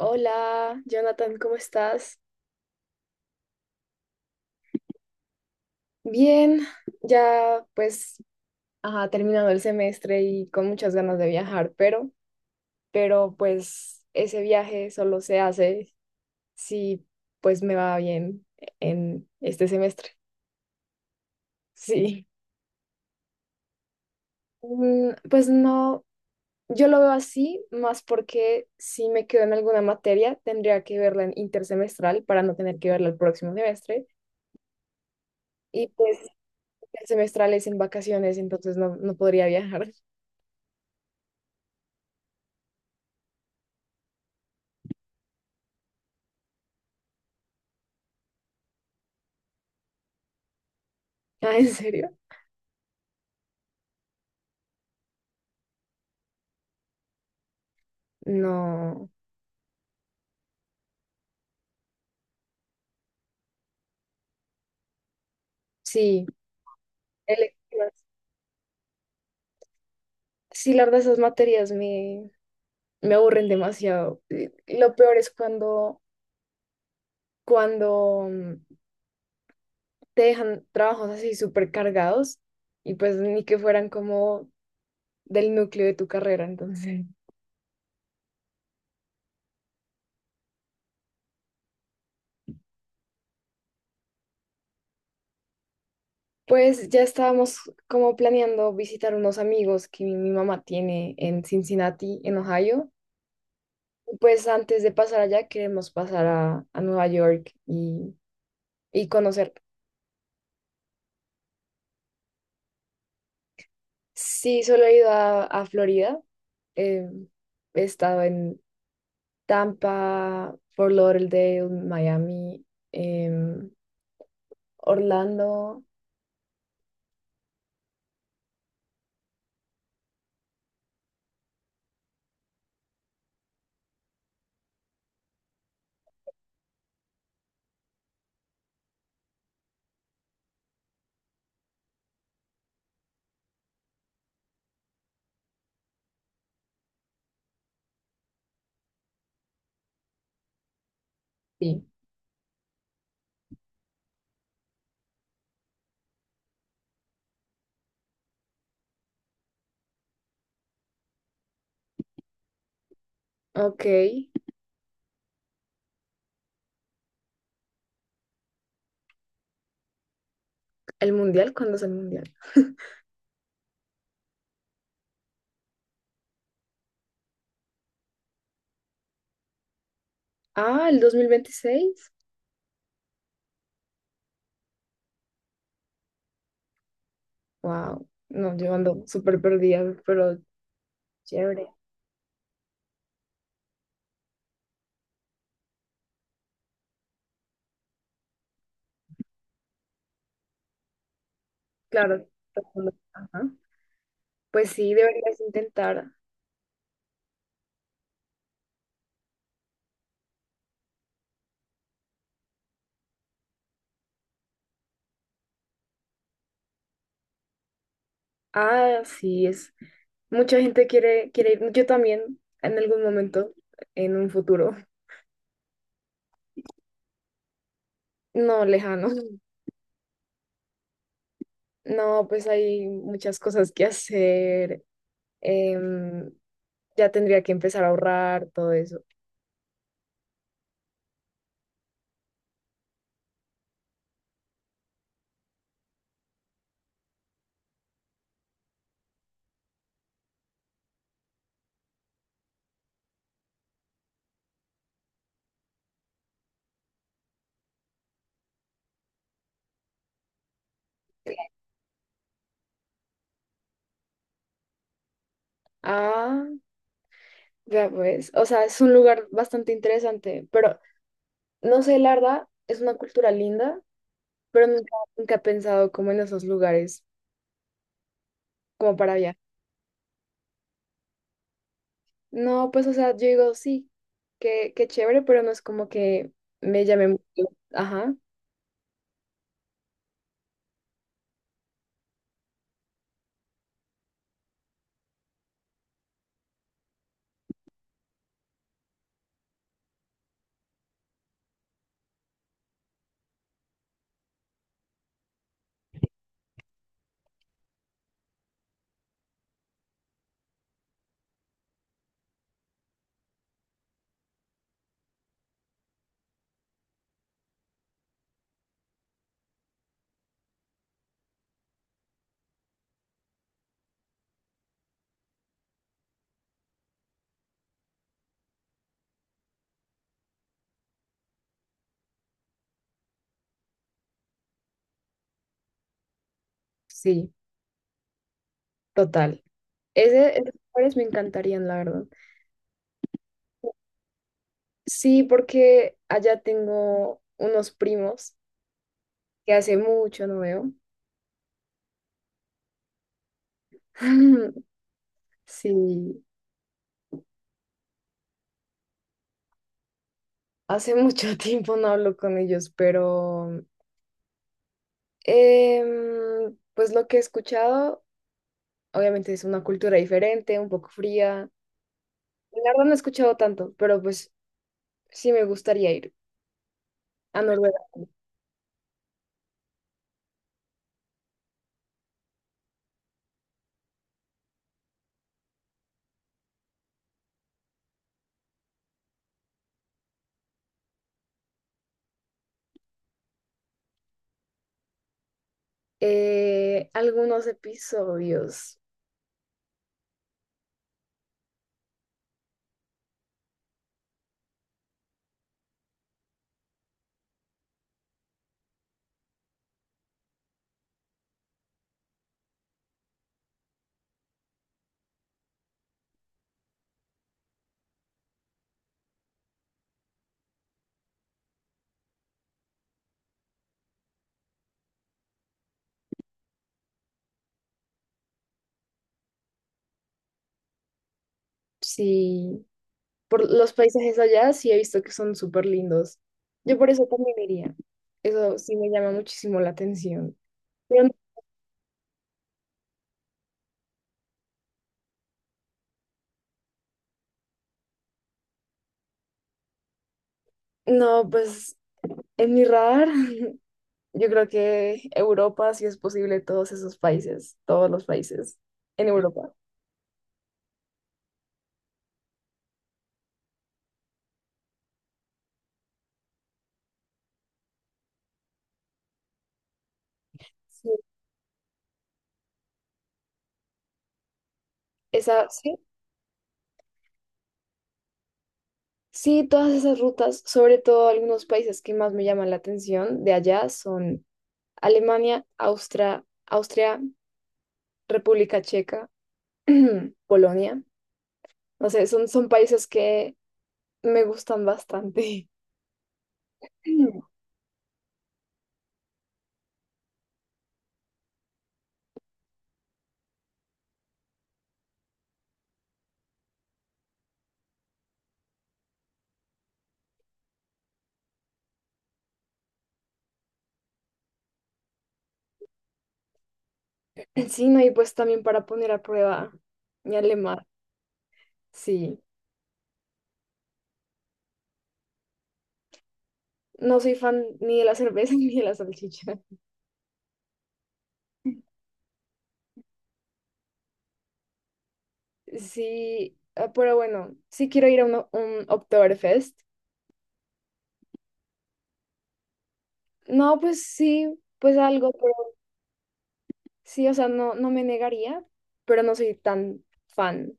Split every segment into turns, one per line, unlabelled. Hola, Jonathan, ¿cómo estás? Bien, ya pues ajá, terminado el semestre y con muchas ganas de viajar, pero pues ese viaje solo se hace si pues me va bien en este semestre. Sí. Pues no, yo lo veo así, más porque si me quedo en alguna materia, tendría que verla en intersemestral para no tener que verla el próximo semestre. Y pues el semestral es en vacaciones, entonces no, no podría viajar. Ah, ¿en serio? No, sí. Electivas. Sí, la verdad, esas materias me, me aburren demasiado. Y lo peor es cuando, cuando, te dejan trabajos así súper cargados y pues ni que fueran como del núcleo de tu carrera. Entonces, pues ya estábamos como planeando visitar unos amigos que mi mamá tiene en Cincinnati, en Ohio. Y pues antes de pasar allá, queremos pasar a Nueva York y conocer. Sí, solo he ido a Florida. Eh, he estado en Tampa, Fort Lauderdale, Miami, em, Orlando. Sí. Ok. ¿El mundial? ¿Cuándo es el mundial? Ah, el 2026. Wow. No, yo ando súper perdida, pero chévere. Claro. Todo el mundo- ajá. Pues sí, deberías intentar. Ah, sí, es. Mucha gente quiere, quiere ir. Yo también, en algún momento, en un futuro. No, lejano. No, pues hay muchas cosas que hacer. em, ya tendría que empezar a ahorrar todo eso. Ah, ya pues. O sea, es un lugar bastante interesante, pero no sé, la verdad, es una cultura linda, pero nunca, nunca he pensado como en esos lugares, como para allá. No, pues, o sea, yo digo, sí, qué, qué chévere, pero no es como que me llame mucho. Ajá, sí, total. Ese, esos lugares me encantarían, la verdad. Sí, porque allá tengo unos primos que hace mucho no veo. Sí, hace mucho tiempo no hablo con ellos, pero pues lo que he escuchado, obviamente es una cultura diferente, un poco fría. La verdad no he escuchado tanto, pero pues sí me gustaría ir a Noruega. Algunos episodios, sí. Por los paisajes allá sí he visto que son súper lindos. Yo por eso también iría. Eso sí me llama muchísimo la atención. Pero no, pues en mi radar, yo creo que Europa, si es posible, todos esos países, todos los países en Europa. Sí. Esa, sí, sí, todas esas rutas, sobre todo algunos países que más me llaman la atención de allá son Alemania, Austria, Austria, República Checa, Polonia. No sé, son, son países que me gustan bastante. Sí, no, y pues también para poner a prueba mi alemán, sí. No soy fan ni de la cerveza ni de la salchicha. Sí, ah, pero bueno, sí quiero ir a un Oktoberfest. No, pues sí, pues algo, pero sí, o sea, no, no me negaría, pero no soy tan fan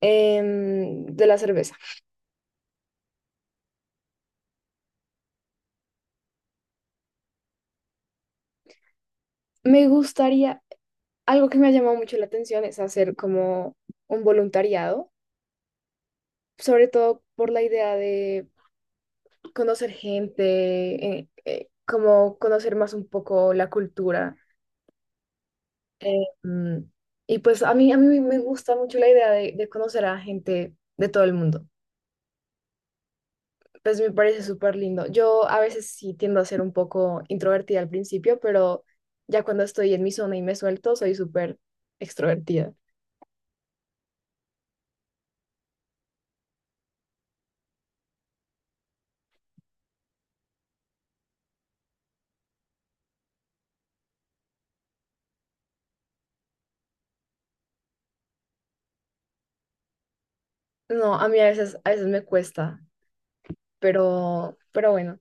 de la cerveza. Me gustaría, algo que me ha llamado mucho la atención es hacer como un voluntariado, sobre todo por la idea de conocer gente, como conocer más un poco la cultura. Eh, mm, y pues a mí me gusta mucho la idea de conocer a gente de todo el mundo. Pues me parece súper lindo. Yo a veces sí tiendo a ser un poco introvertida al principio, pero ya cuando estoy en mi zona y me suelto, soy súper extrovertida. No, a mí a veces me cuesta, pero bueno.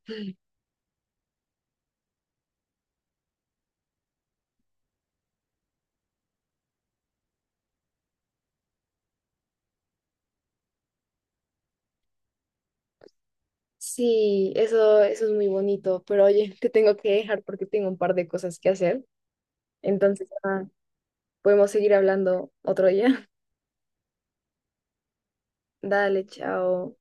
Sí, eso es muy bonito, pero oye, te tengo que dejar porque tengo un par de cosas que hacer. Entonces, ah, podemos seguir hablando otro día. Dale, chao.